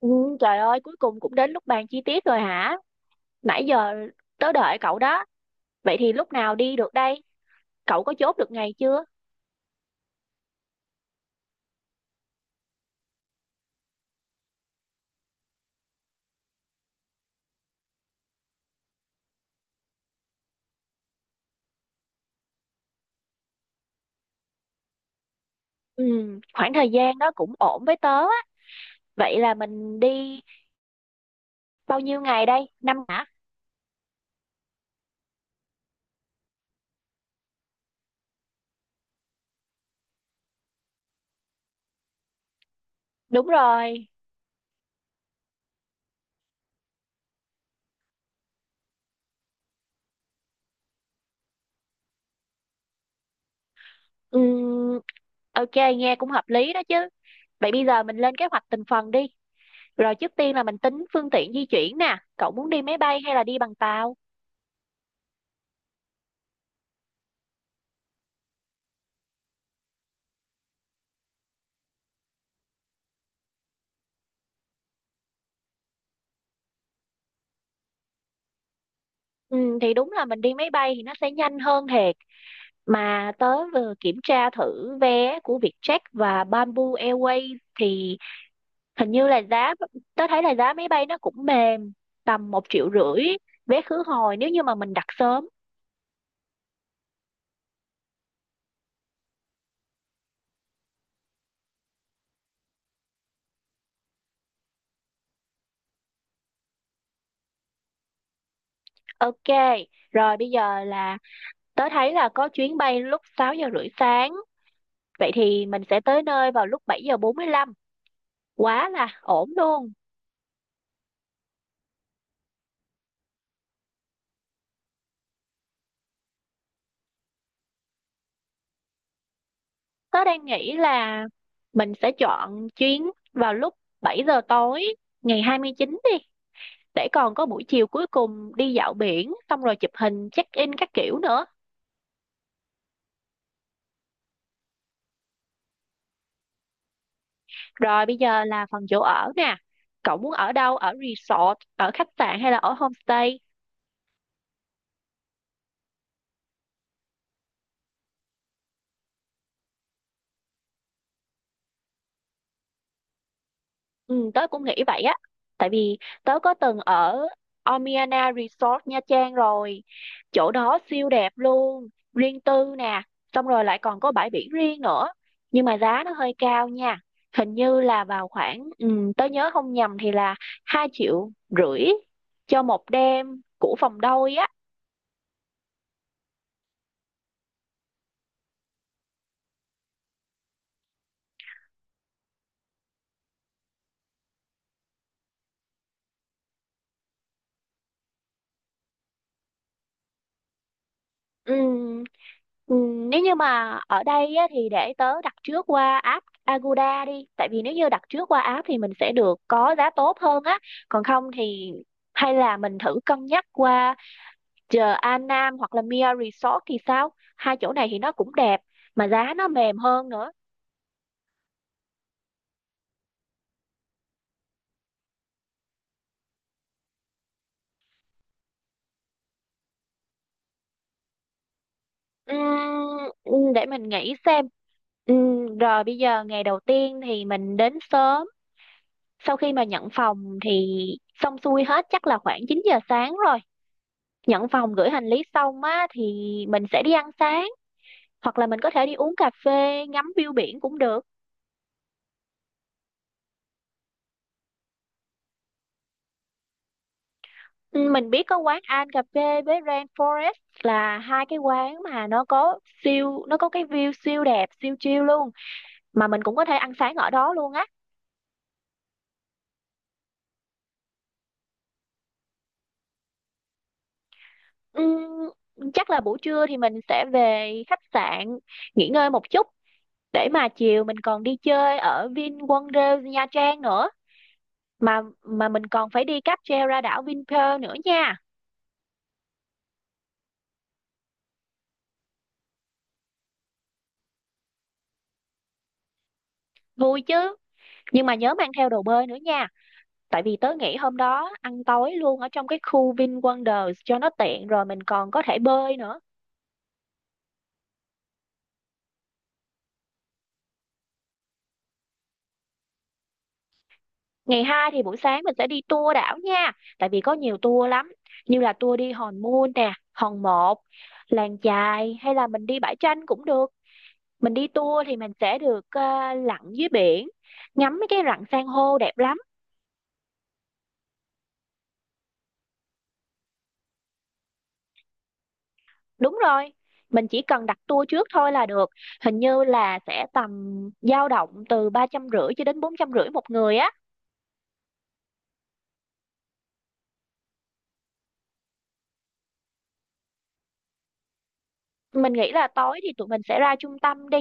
Ừ, trời ơi, cuối cùng cũng đến lúc bàn chi tiết rồi hả? Nãy giờ tớ đợi cậu đó. Vậy thì lúc nào đi được đây? Cậu có chốt được ngày chưa? Ừ, khoảng thời gian đó cũng ổn với tớ á. Vậy là mình đi bao nhiêu ngày đây? Năm hả? Đúng rồi. Ừ, ok, nghe cũng hợp lý đó chứ. Vậy bây giờ mình lên kế hoạch từng phần đi. Rồi trước tiên là mình tính phương tiện di chuyển nè. Cậu muốn đi máy bay hay là đi bằng tàu? Ừ, thì đúng là mình đi máy bay thì nó sẽ nhanh hơn thiệt, mà tớ vừa kiểm tra thử vé của Vietjet và Bamboo Airways thì hình như là giá, tớ thấy là giá máy bay nó cũng mềm, tầm 1,5 triệu vé khứ hồi nếu như mà mình đặt sớm. Ok, rồi bây giờ là tớ thấy là có chuyến bay lúc 6 giờ rưỡi sáng, vậy thì mình sẽ tới nơi vào lúc 7:45, quá là ổn luôn. Tớ đang nghĩ là mình sẽ chọn chuyến vào lúc 7 giờ tối ngày 29 đi, để còn có buổi chiều cuối cùng đi dạo biển xong rồi chụp hình check in các kiểu nữa. Rồi bây giờ là phần chỗ ở nè, cậu muốn ở đâu, ở resort, ở khách sạn hay là ở homestay? Ừ, tớ cũng nghĩ vậy á. Tại vì tớ có từng ở Omiana Resort Nha Trang rồi. Chỗ đó siêu đẹp luôn, riêng tư nè, xong rồi lại còn có bãi biển riêng nữa. Nhưng mà giá nó hơi cao nha. Hình như là vào khoảng tớ nhớ không nhầm thì là 2,5 triệu cho 1 đêm của phòng đôi á. Ừ, nếu như mà ở đây á, thì để tớ đặt trước qua app Agoda đi, tại vì nếu như đặt trước qua app thì mình sẽ được có giá tốt hơn á. Còn không thì hay là mình thử cân nhắc qua chờ An Nam hoặc là Mia Resort thì sao, hai chỗ này thì nó cũng đẹp mà giá nó mềm hơn nữa. Để mình nghĩ xem. Rồi bây giờ ngày đầu tiên thì mình đến sớm, sau khi mà nhận phòng thì xong xuôi hết chắc là khoảng 9 giờ sáng rồi. Nhận phòng gửi hành lý xong á thì mình sẽ đi ăn sáng, hoặc là mình có thể đi uống cà phê ngắm view biển cũng được. Ừ, mình biết có quán An cà phê với Rain Forest là hai cái quán mà nó có cái view siêu đẹp siêu chill luôn, mà mình cũng có thể ăn sáng ở đó luôn á. Ừm, chắc là buổi trưa thì mình sẽ về khách sạn nghỉ ngơi một chút, để mà chiều mình còn đi chơi ở VinWonders Nha Trang nữa, mà mình còn phải đi cáp treo ra đảo Vinpearl nữa nha. Vui chứ, nhưng mà nhớ mang theo đồ bơi nữa nha, tại vì tớ nghĩ hôm đó ăn tối luôn ở trong cái khu VinWonders cho nó tiện, rồi mình còn có thể bơi nữa. Ngày hai thì buổi sáng mình sẽ đi tour đảo nha, tại vì có nhiều tour lắm, như là tour đi Hòn Mun nè, Hòn Một, làng chài, hay là mình đi bãi tranh cũng được. Mình đi tour thì mình sẽ được lặn dưới biển, ngắm mấy cái rặng san hô đẹp lắm. Đúng rồi, mình chỉ cần đặt tour trước thôi là được. Hình như là sẽ tầm dao động từ 350 cho đến 450 1 người á. Mình nghĩ là tối thì tụi mình sẽ ra trung tâm đi,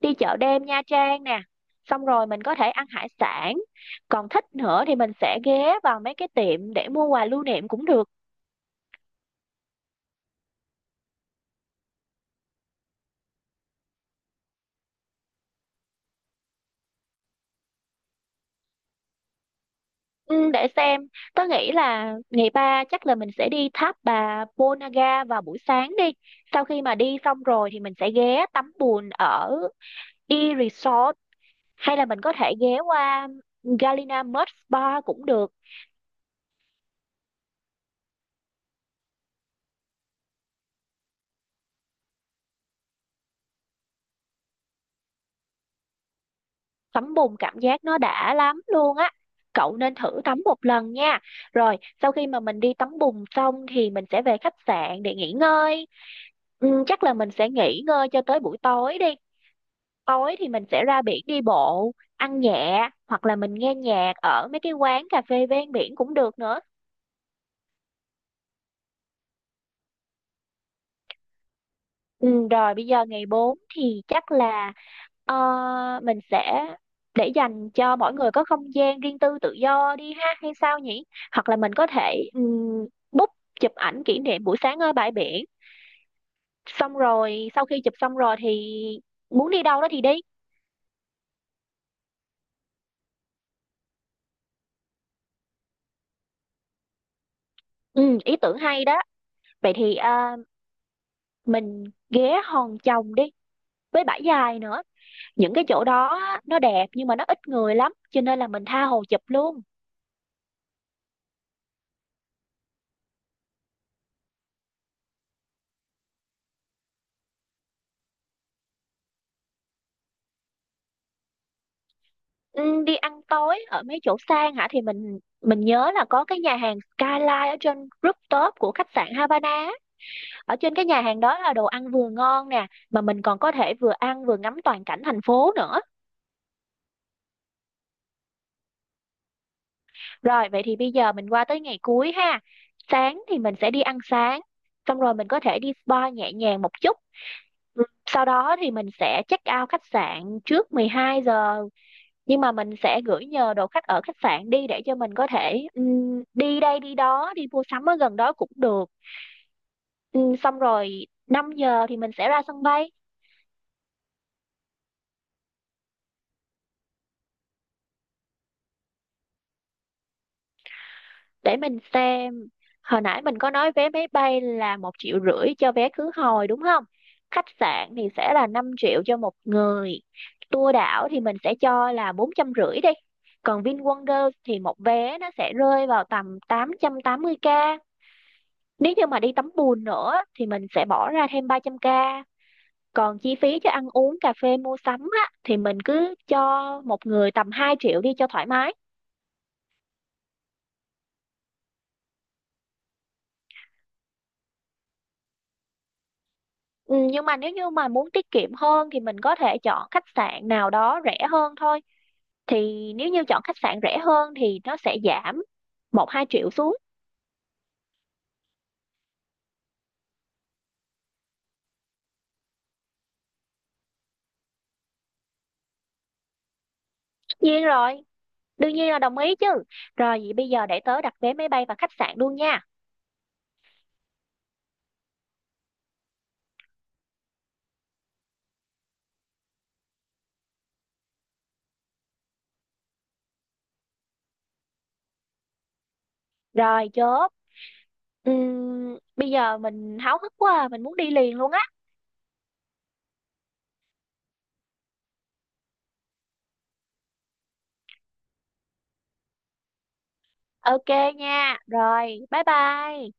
đi chợ đêm Nha Trang nè. Xong rồi mình có thể ăn hải sản. Còn thích nữa thì mình sẽ ghé vào mấy cái tiệm để mua quà lưu niệm cũng được. Ừ, để xem, tớ nghĩ là ngày ba chắc là mình sẽ đi tháp bà Ponagar vào buổi sáng đi. Sau khi mà đi xong rồi thì mình sẽ ghé tắm bùn ở E Resort, hay là mình có thể ghé qua Galina Mud Spa cũng được. Tắm bùn cảm giác nó đã lắm luôn á. Cậu nên thử tắm 1 lần nha. Rồi, sau khi mà mình đi tắm bùn xong thì mình sẽ về khách sạn để nghỉ ngơi. Ừ, chắc là mình sẽ nghỉ ngơi cho tới buổi tối đi. Tối thì mình sẽ ra biển đi bộ, ăn nhẹ hoặc là mình nghe nhạc ở mấy cái quán cà phê ven biển cũng được nữa. Ừ, rồi bây giờ ngày 4 thì chắc là ờ, mình sẽ để dành cho mỗi người có không gian riêng tư tự do đi ha, hay sao nhỉ? Hoặc là mình có thể book chụp ảnh kỷ niệm buổi sáng ở bãi biển. Xong rồi sau khi chụp xong rồi thì muốn đi đâu đó thì đi. Ừ, ý tưởng hay đó. Vậy thì mình ghé Hòn Chồng đi với Bãi Dài nữa. Những cái chỗ đó á, nó đẹp nhưng mà nó ít người lắm cho nên là mình tha hồ chụp luôn. Ừ, đi ăn tối ở mấy chỗ sang hả, thì mình nhớ là có cái nhà hàng Skyline ở trên rooftop của khách sạn Havana á. Ở trên cái nhà hàng đó là đồ ăn vừa ngon nè, mà mình còn có thể vừa ăn vừa ngắm toàn cảnh thành phố nữa. Rồi vậy thì bây giờ mình qua tới ngày cuối ha, sáng thì mình sẽ đi ăn sáng, xong rồi mình có thể đi spa nhẹ nhàng một chút. Ừ, sau đó thì mình sẽ check out khách sạn trước 12 giờ, nhưng mà mình sẽ gửi nhờ đồ khách ở khách sạn đi để cho mình có thể đi đây đi đó, đi mua sắm ở gần đó cũng được. Xong rồi 5 giờ thì mình sẽ ra sân bay. Để mình xem, hồi nãy mình có nói vé máy bay là 1,5 triệu cho vé khứ hồi đúng không. Khách sạn thì sẽ là 5 triệu cho 1 người, tour đảo thì mình sẽ cho là 450 đi, còn VinWonders thì 1 vé nó sẽ rơi vào tầm tám 880k. Nếu như mà đi tắm bùn nữa thì mình sẽ bỏ ra thêm 300 k. Còn chi phí cho ăn uống, cà phê, mua sắm á, thì mình cứ cho 1 người tầm 2 triệu đi cho thoải mái. Ừ, nhưng mà nếu như mà muốn tiết kiệm hơn thì mình có thể chọn khách sạn nào đó rẻ hơn thôi. Thì nếu như chọn khách sạn rẻ hơn thì nó sẽ giảm 1-2 triệu xuống. Tất nhiên rồi, đương nhiên là đồng ý chứ. Rồi vậy bây giờ để tớ đặt vé máy bay và khách sạn luôn nha. Rồi chốt. Bây giờ mình háo hức quá, mình muốn đi liền luôn. Ok nha. Rồi, bye bye.